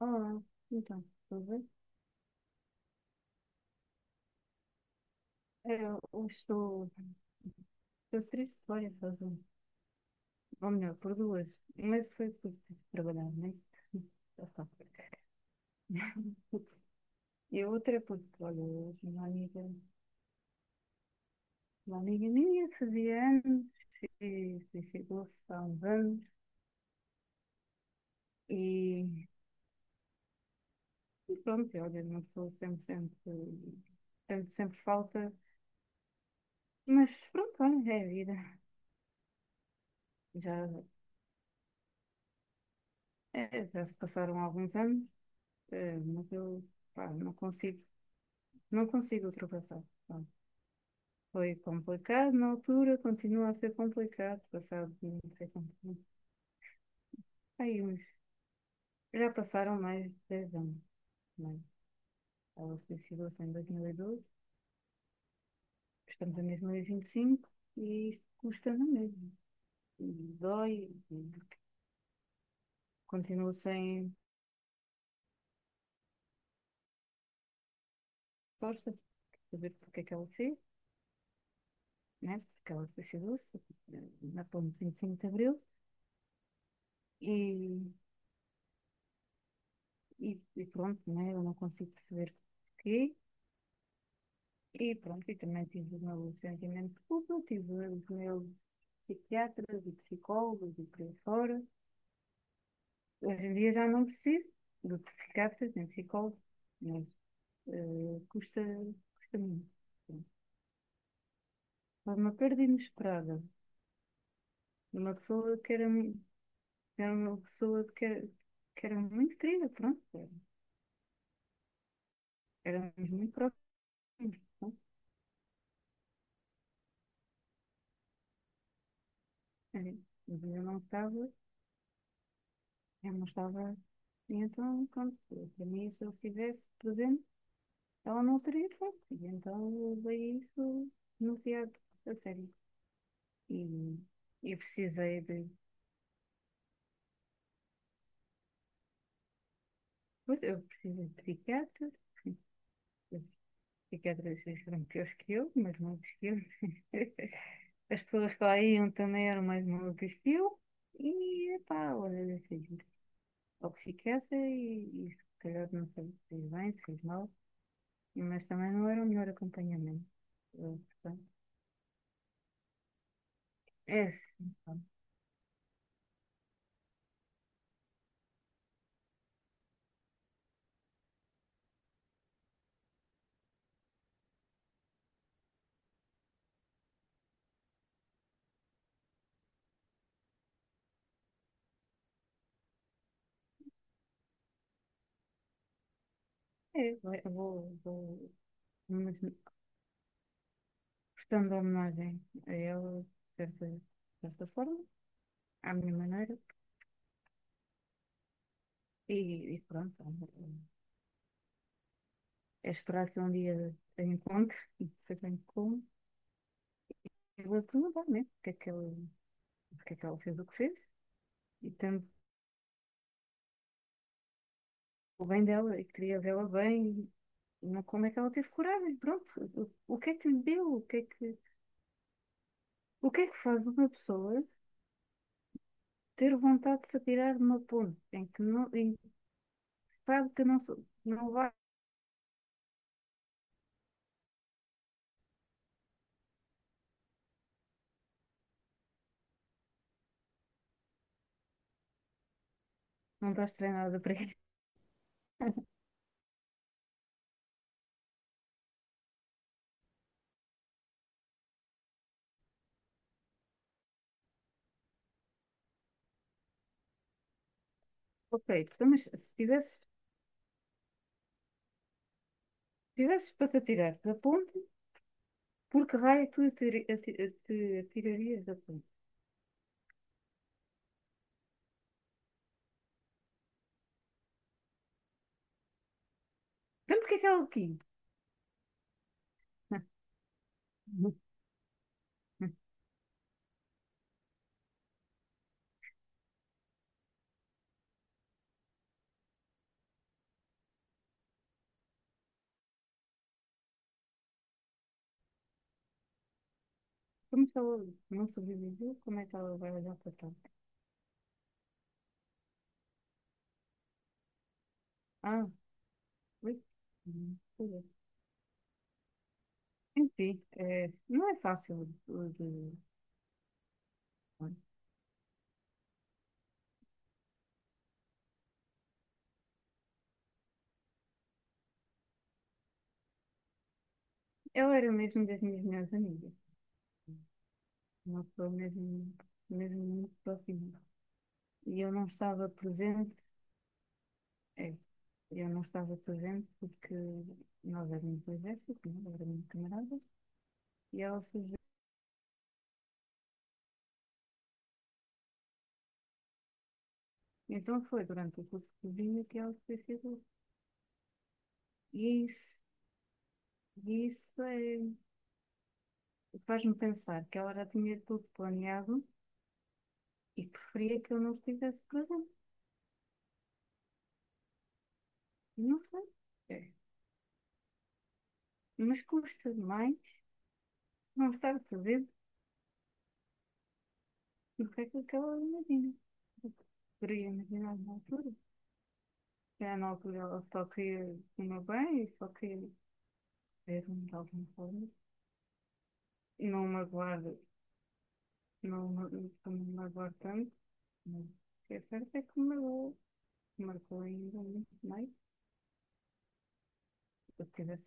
Olá, então, tudo bem? Eu estou triste por várias razões, ou melhor, por duas, mas foi por ter trabalhado, né? Já sabe. E a outra é porque, olha, hoje uma amiga minha fazia anos e suicidou-se há uns anos e, e pronto, olha, uma pessoa sempre, sempre, sempre, sempre falta, mas pronto, olha, é a vida. Já, é, já se passaram alguns anos, mas eu, pá, não consigo. Não consigo ultrapassar. Pronto. Foi complicado na altura, continua a ser complicado. Passado, não sei quanto tempo. Aí uns. Já passaram mais de 10 anos. Né? Ela se suicidou-se em 2012, estamos em 2025 e vinte e cinco e isto custa na mesma. Dói, e continuo sem força de saber porque é que ela fez, né? Porque ela se suicidou-se na ponte de 25 de Abril e, e pronto, né? Eu não consigo perceber porquê. E pronto, e também tive o meu sentimento de culpa, tive os meus psiquiatras e psicólogos e por aí fora. Hoje em dia já não preciso de psiquiatras nem psicólogos, mas eh, custa, custa muito. Sim. Foi uma perda inesperada de uma pessoa que era uma pessoa que era muito querida, pronto, éramos muito próximos, pronto. Eh, Mas eu não estava, eu não estava, e então, pronto, para mim, se eu estivesse presente, ela não teria hipótese, então eu levei isso demasiado a sério. E eu precisei de. Eu precisei de psiquiatras, os psiquiatras foram piores que eu, mas não que eu. As pessoas que lá iam também eram mais malucas que eu, e pá, olha, deixei de ir ao psiquiatra e se calhar não sei se fez bem, se fez mal, mas também não era o melhor acompanhamento. Eu, portanto, é assim, pronto. É, vou, mas portanto, homenagem a ele, certa, de certa forma, à minha maneira, e pronto, é esperar que um dia a encontre, e sei bem como, e vou perguntar mesmo o que é que ela, o que é que ela fez o que fez, e tanto o bem dela, e queria vê-la bem, e não como é que ela teve coragem, pronto, o que é que lhe deu, o que é que faz uma pessoa ter vontade de se atirar de uma ponte, em que não, em que sabe que não, não vai, não estás treinada para isso. Ok, então, mas se tivesses para te atirar da ponte, por que raio tu te atirarias da ponte? Então, porque é que ela aqui? Como se ela não sobreviveu, como é que ela vai olhar para trás? Ah, ui. Pois é. Enfim, não é fácil de- olha, ela era mesmo das minhas melhores amigas, uma pessoa mesmo, mesmo muito próxima. E eu não estava presente, é, eu não estava presente porque nós éramos do exército, não é? Éramos camaradas, e ela fugiu. Então foi durante o curso de cozinha que ela se suicidou. E isso, e isso faz-me pensar que ela já tinha tudo planeado e preferia que eu não estivesse presente. Não sei. É. Mas custa demais não estar presente do que aquilo que ela imagina. Eu poderia imaginar na altura. Já na altura ela só queria o meu bem e só queria ver-me de alguma forma. Não me aguardo, não me aguardo tanto. Mas o que é certo é que me magoou. Marcou ainda, não sei. Se eu estivesse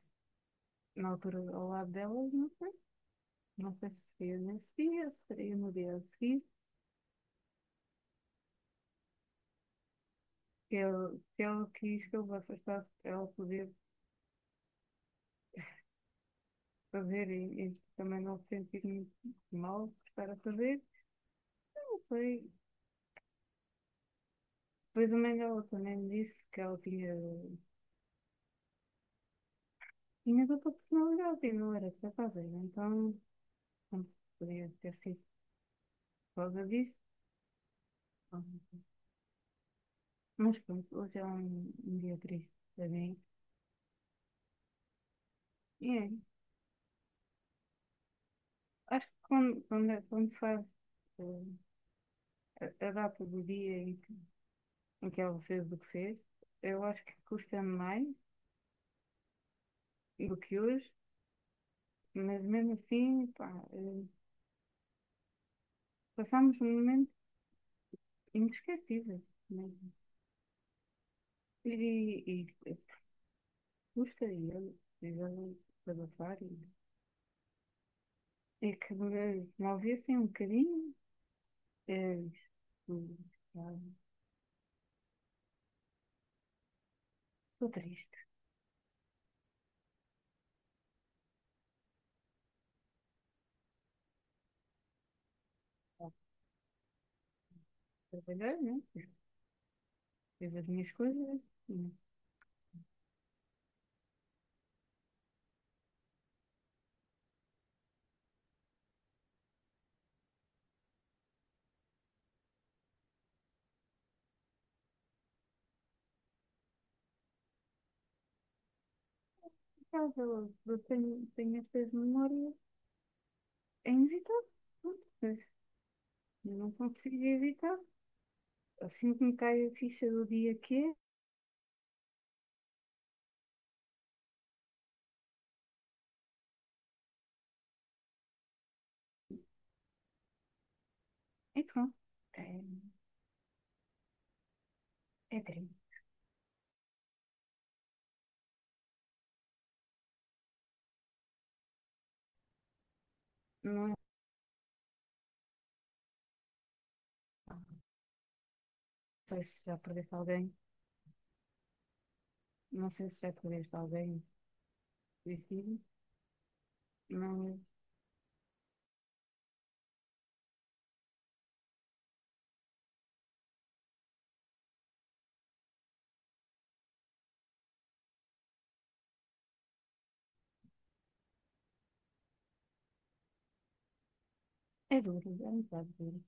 na altura ao lado delas, não sei. Não sei se seria nesse dia, se seria no dia a seguir. Se ele quis que eu me afastasse, ela podia fazer e também não sentir-me mal por estar a fazer. Eu não sei. Depois a mãe dela também me disse que ela tinha, outra personalidade e não era capaz. Então, pronto, podia ter sido por causa disso. Mas pronto, hoje é um dia triste para mim. E é Acho que quando faz eh, a data do dia em que ela fez o que fez, eu acho que custa mais do que hoje, mas mesmo assim, pá, passamos um momento inesquecível, né? E, e custa e ele desabafar e que me ouvissem um bocadinho, eh, isto, pá, estou triste, trabalhar, né? Fiz as minhas coisas, mas, pá, eu tenho estas memórias. É inevitável, pronto, mas eu não consigo evitar. Assim que me cai a ficha do dia que é, e pronto. É, é crime. Não é? Não sei se já perdeste alguém. Não sei se já perdeste alguém suicídio. Mas é duro, é um bocado duro.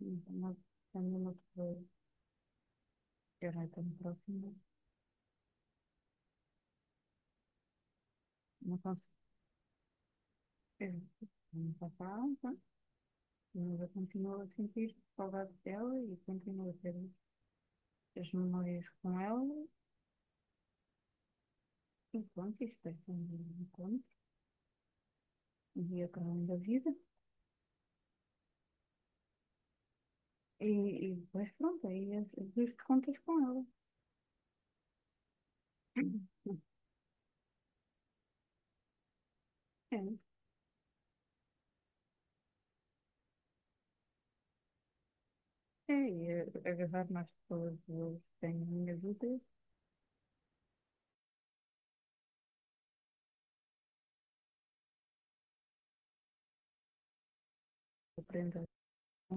Então, quando uma pessoa já não é tão próxima, não consigo. Eu não faço a alma, mas eu continuo a sentir saudade dela e continuo a ter as memórias com ela. E pronto, isto é sempre um encontro. Via para além da vida e, e depois pronto, aí as contas com ela. É, é agarrar mais pessoas que eu tenho na minha vida, aprendo a